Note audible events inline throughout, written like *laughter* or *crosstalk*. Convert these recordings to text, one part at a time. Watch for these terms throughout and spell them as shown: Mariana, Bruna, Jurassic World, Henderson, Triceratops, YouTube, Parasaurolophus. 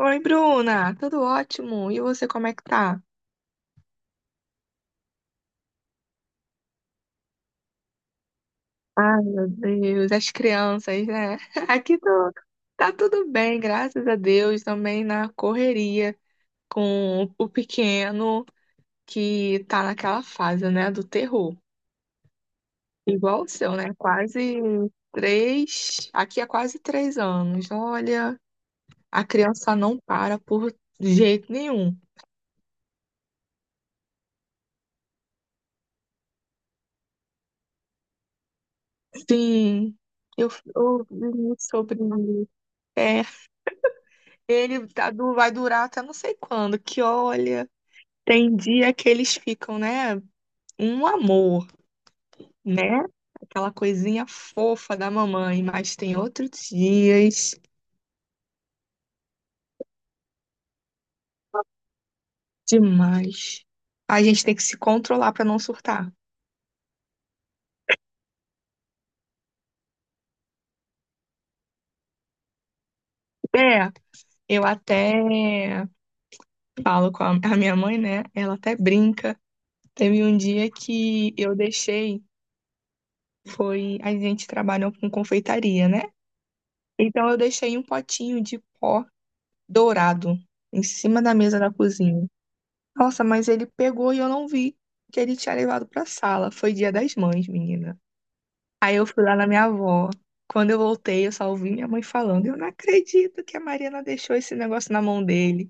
Oi, Bruna, tudo ótimo? E você, como é que tá? Ai, meu Deus, as crianças, né? *laughs* Aqui tô, tá tudo bem, graças a Deus, também na correria com o pequeno que tá naquela fase, né, do terror. Igual o seu, né? Quase três, aqui é quase 3 anos. Olha, a criança não para por jeito nenhum. Sim, eu, eu li sobre é, ele vai durar até não sei quando, que olha, tem dia que eles ficam, né? Um amor, né? Aquela coisinha fofa da mamãe, mas tem outros dias demais. A gente tem que se controlar pra não surtar. É, eu até falo com a minha mãe, né? Ela até brinca. Teve um dia que eu deixei, foi, a gente trabalhou com confeitaria, né? Então eu deixei um potinho de pó dourado em cima da mesa da cozinha. Nossa, mas ele pegou e eu não vi que ele tinha levado pra sala. Foi dia das mães, menina. Aí eu fui lá na minha avó. Quando eu voltei, eu só ouvi minha mãe falando: eu não acredito que a Mariana deixou esse negócio na mão dele.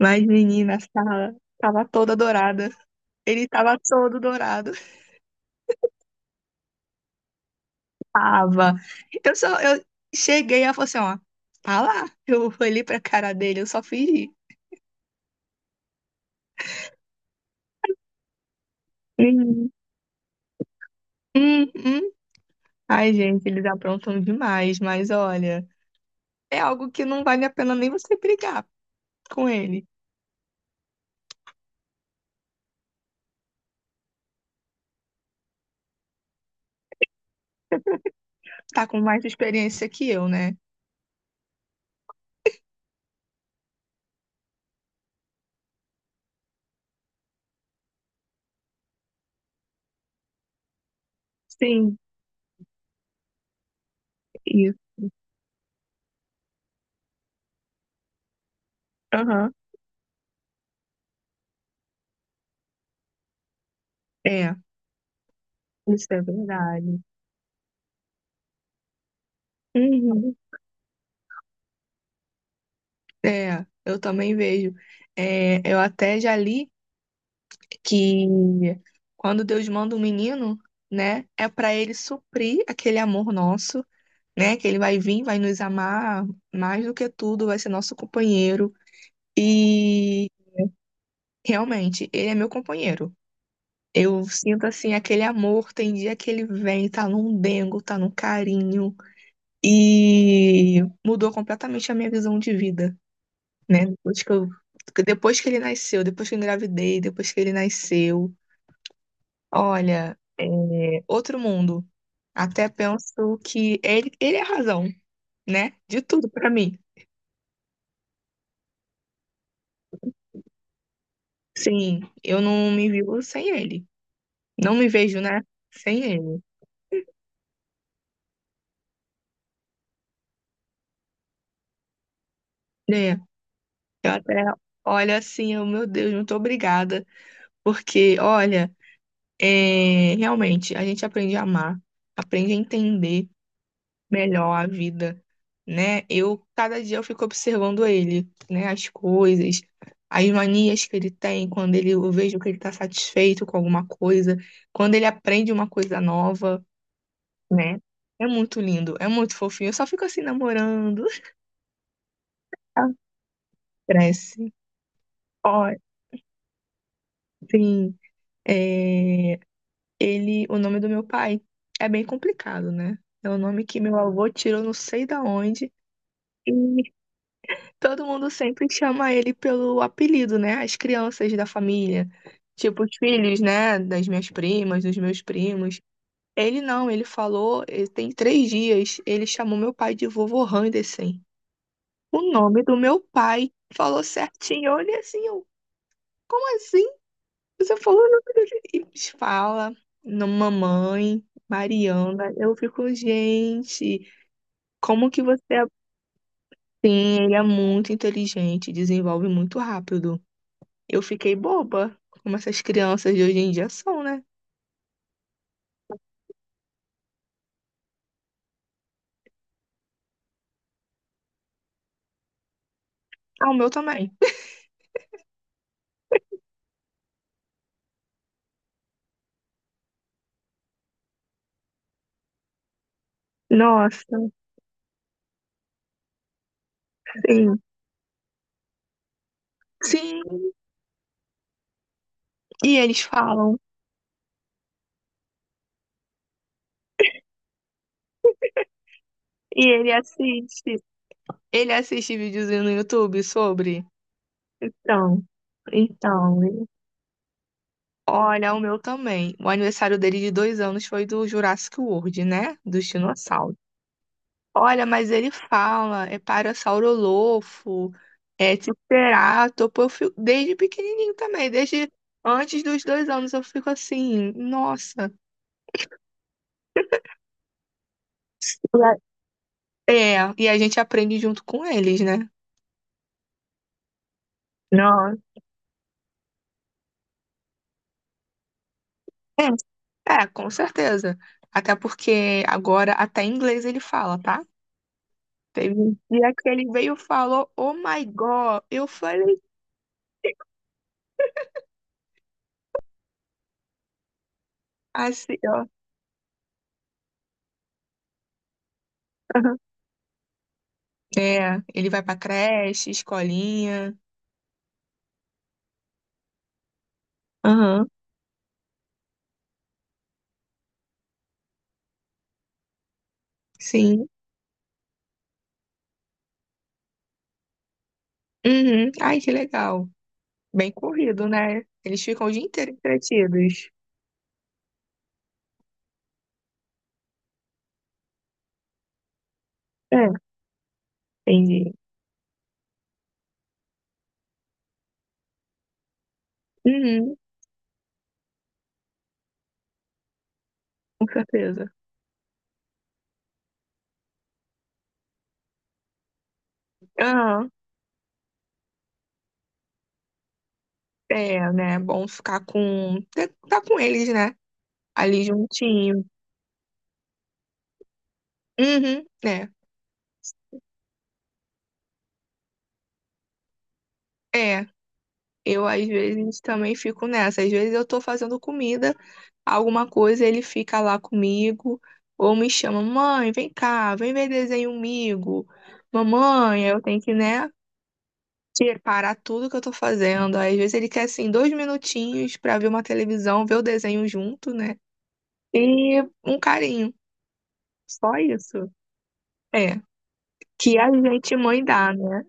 Mas, menina, a sala tava toda dourada. Ele tava todo dourado. Tava. Eu cheguei e falei assim: ó, tá lá. Eu olhei pra cara dele, eu só fingi. Uhum. Hum, hum. Ai, gente, eles aprontam demais, mas olha, é algo que não vale a pena nem você brigar com ele. Tá com mais experiência que eu, né? Sim, isso. Aham. É, isso é verdade. Uhum. É, eu também vejo. É, eu até já li que quando Deus manda um menino, né, é para ele suprir aquele amor nosso, né, que ele vai vir, vai nos amar mais do que tudo, vai ser nosso companheiro. e Realmente, ele é meu companheiro. Eu sinto assim aquele amor, tem dia que ele vem, tá num dengo, tá num carinho e mudou completamente a minha visão de vida, né? Depois que ele nasceu, depois que eu engravidei, depois que ele nasceu, olha, é outro mundo. Até penso que ele é a razão, né? De tudo pra mim. Sim, eu não me vivo sem ele. Não me vejo, né? Sem ele. Eu até olho assim, eu, meu Deus, muito obrigada. Porque, olha, é, realmente, a gente aprende a amar, aprende a entender melhor a vida, né? Eu, cada dia, eu fico observando ele, né? As coisas, as manias que ele tem, eu vejo que ele tá satisfeito com alguma coisa, quando ele aprende uma coisa nova, né? É muito lindo, é muito fofinho. Eu só fico assim, namorando. *laughs* Cresce. Ó, sim. É, ele, o nome do meu pai é bem complicado, né? É o nome que meu avô tirou não sei da onde. E todo mundo sempre chama ele pelo apelido, né? As crianças da família, tipo os filhos, né? Das minhas primas, dos meus primos. Ele não, ele falou, tem 3 dias, ele chamou meu pai de vovô Henderson. O nome do meu pai falou certinho. Como assim? Você falou o nome dele e eles fala, no mamãe, Mariana. Eu fico, gente, como que você é assim? Ele é muito inteligente, desenvolve muito rápido. Eu fiquei boba, como essas crianças de hoje em dia são, né? Ah, o meu também. Nossa, sim. Sim, e eles falam. E ele assiste. Ele assiste videozinho no YouTube sobre. Então, então, Olha, o meu também. O aniversário dele de 2 anos foi do Jurassic World, né? Dos dinossauros. Olha, mas ele fala, é Parasaurolofo, é Triceratopo. Eu fico, desde pequenininho também, desde antes dos 2 anos eu fico assim, nossa. É, e a gente aprende junto com eles, né? Não. É, é, com certeza. Até porque agora até inglês ele fala, tá? Teve um dia que ele veio e falou, Oh my God. Eu falei, assim, ó. Aham. É, ele vai pra creche, escolinha. Aham, sim. Uhum. Ai, que legal. Bem corrido, né? Eles ficam o dia inteiro entretidos. É, entendi. Uhum, com certeza. Aham, é, né? Bom ficar com. Tá com eles, né? Ali juntinho. Uhum, é. É. Eu, às vezes, também fico nessa. Às vezes, eu tô fazendo comida, alguma coisa, ele fica lá comigo, ou me chama, mãe, vem cá, vem ver desenho comigo. Mamãe, eu tenho que, né, parar tudo que eu tô fazendo. Às vezes, ele quer, assim, dois minutinhos pra ver uma televisão, ver o desenho junto, né? E um carinho. Só isso. É. Que a gente, mãe, dá, né?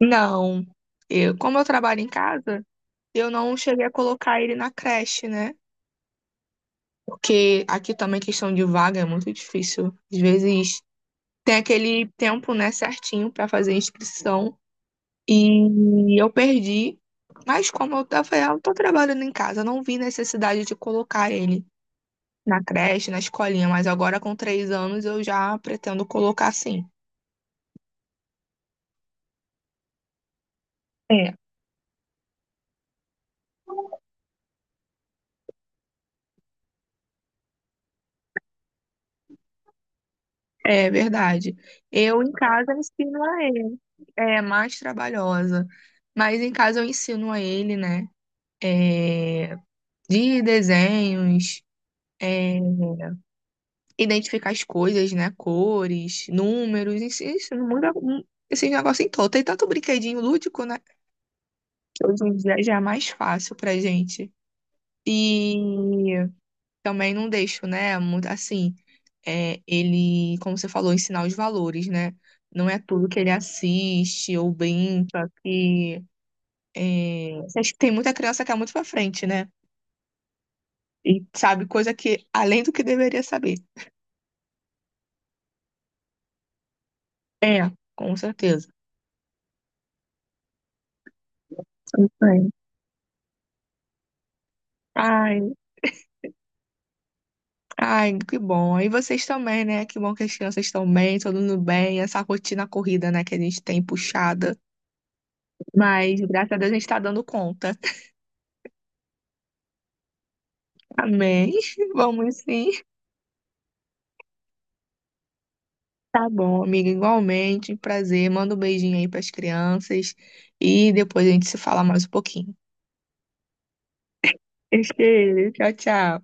Não. Eu, como eu trabalho em casa, eu não cheguei a colocar ele na creche, né? Porque aqui também questão de vaga é muito difícil. Às vezes tem aquele tempo, né, certinho para fazer a inscrição e eu perdi. Mas como eu, tava eu tô trabalhando em casa, eu não vi necessidade de colocar ele na creche, na escolinha, mas agora com 3 anos eu já pretendo colocar sim. É, é verdade. Eu em casa ensino a ele, é mais trabalhosa, mas em casa eu ensino a ele, né? É, de desenhos, é, identificar as coisas, né? Cores, números, isso não muda um- esses negócios em todo. Tem tanto brinquedinho lúdico, né? Que hoje em dia já é mais fácil pra gente. E também não deixo, né? Muito assim, é, ele, como você falou, ensinar os valores, né? Não é tudo que ele assiste ou brinca, que é, acho que tem muita criança que é muito pra frente, né? E sabe coisa que além do que deveria saber. É, com certeza. Ai, ai, que bom. E vocês também, né? Que bom que as crianças estão bem, todo mundo bem. Essa rotina corrida, né, que a gente tem puxada. Mas, graças a Deus, a gente tá dando conta. Amém. *laughs* Vamos sim. Tá bom, amiga. Igualmente, prazer. Manda um beijinho aí pras crianças. E depois a gente se fala mais um pouquinho. Beijo, tchau, tchau.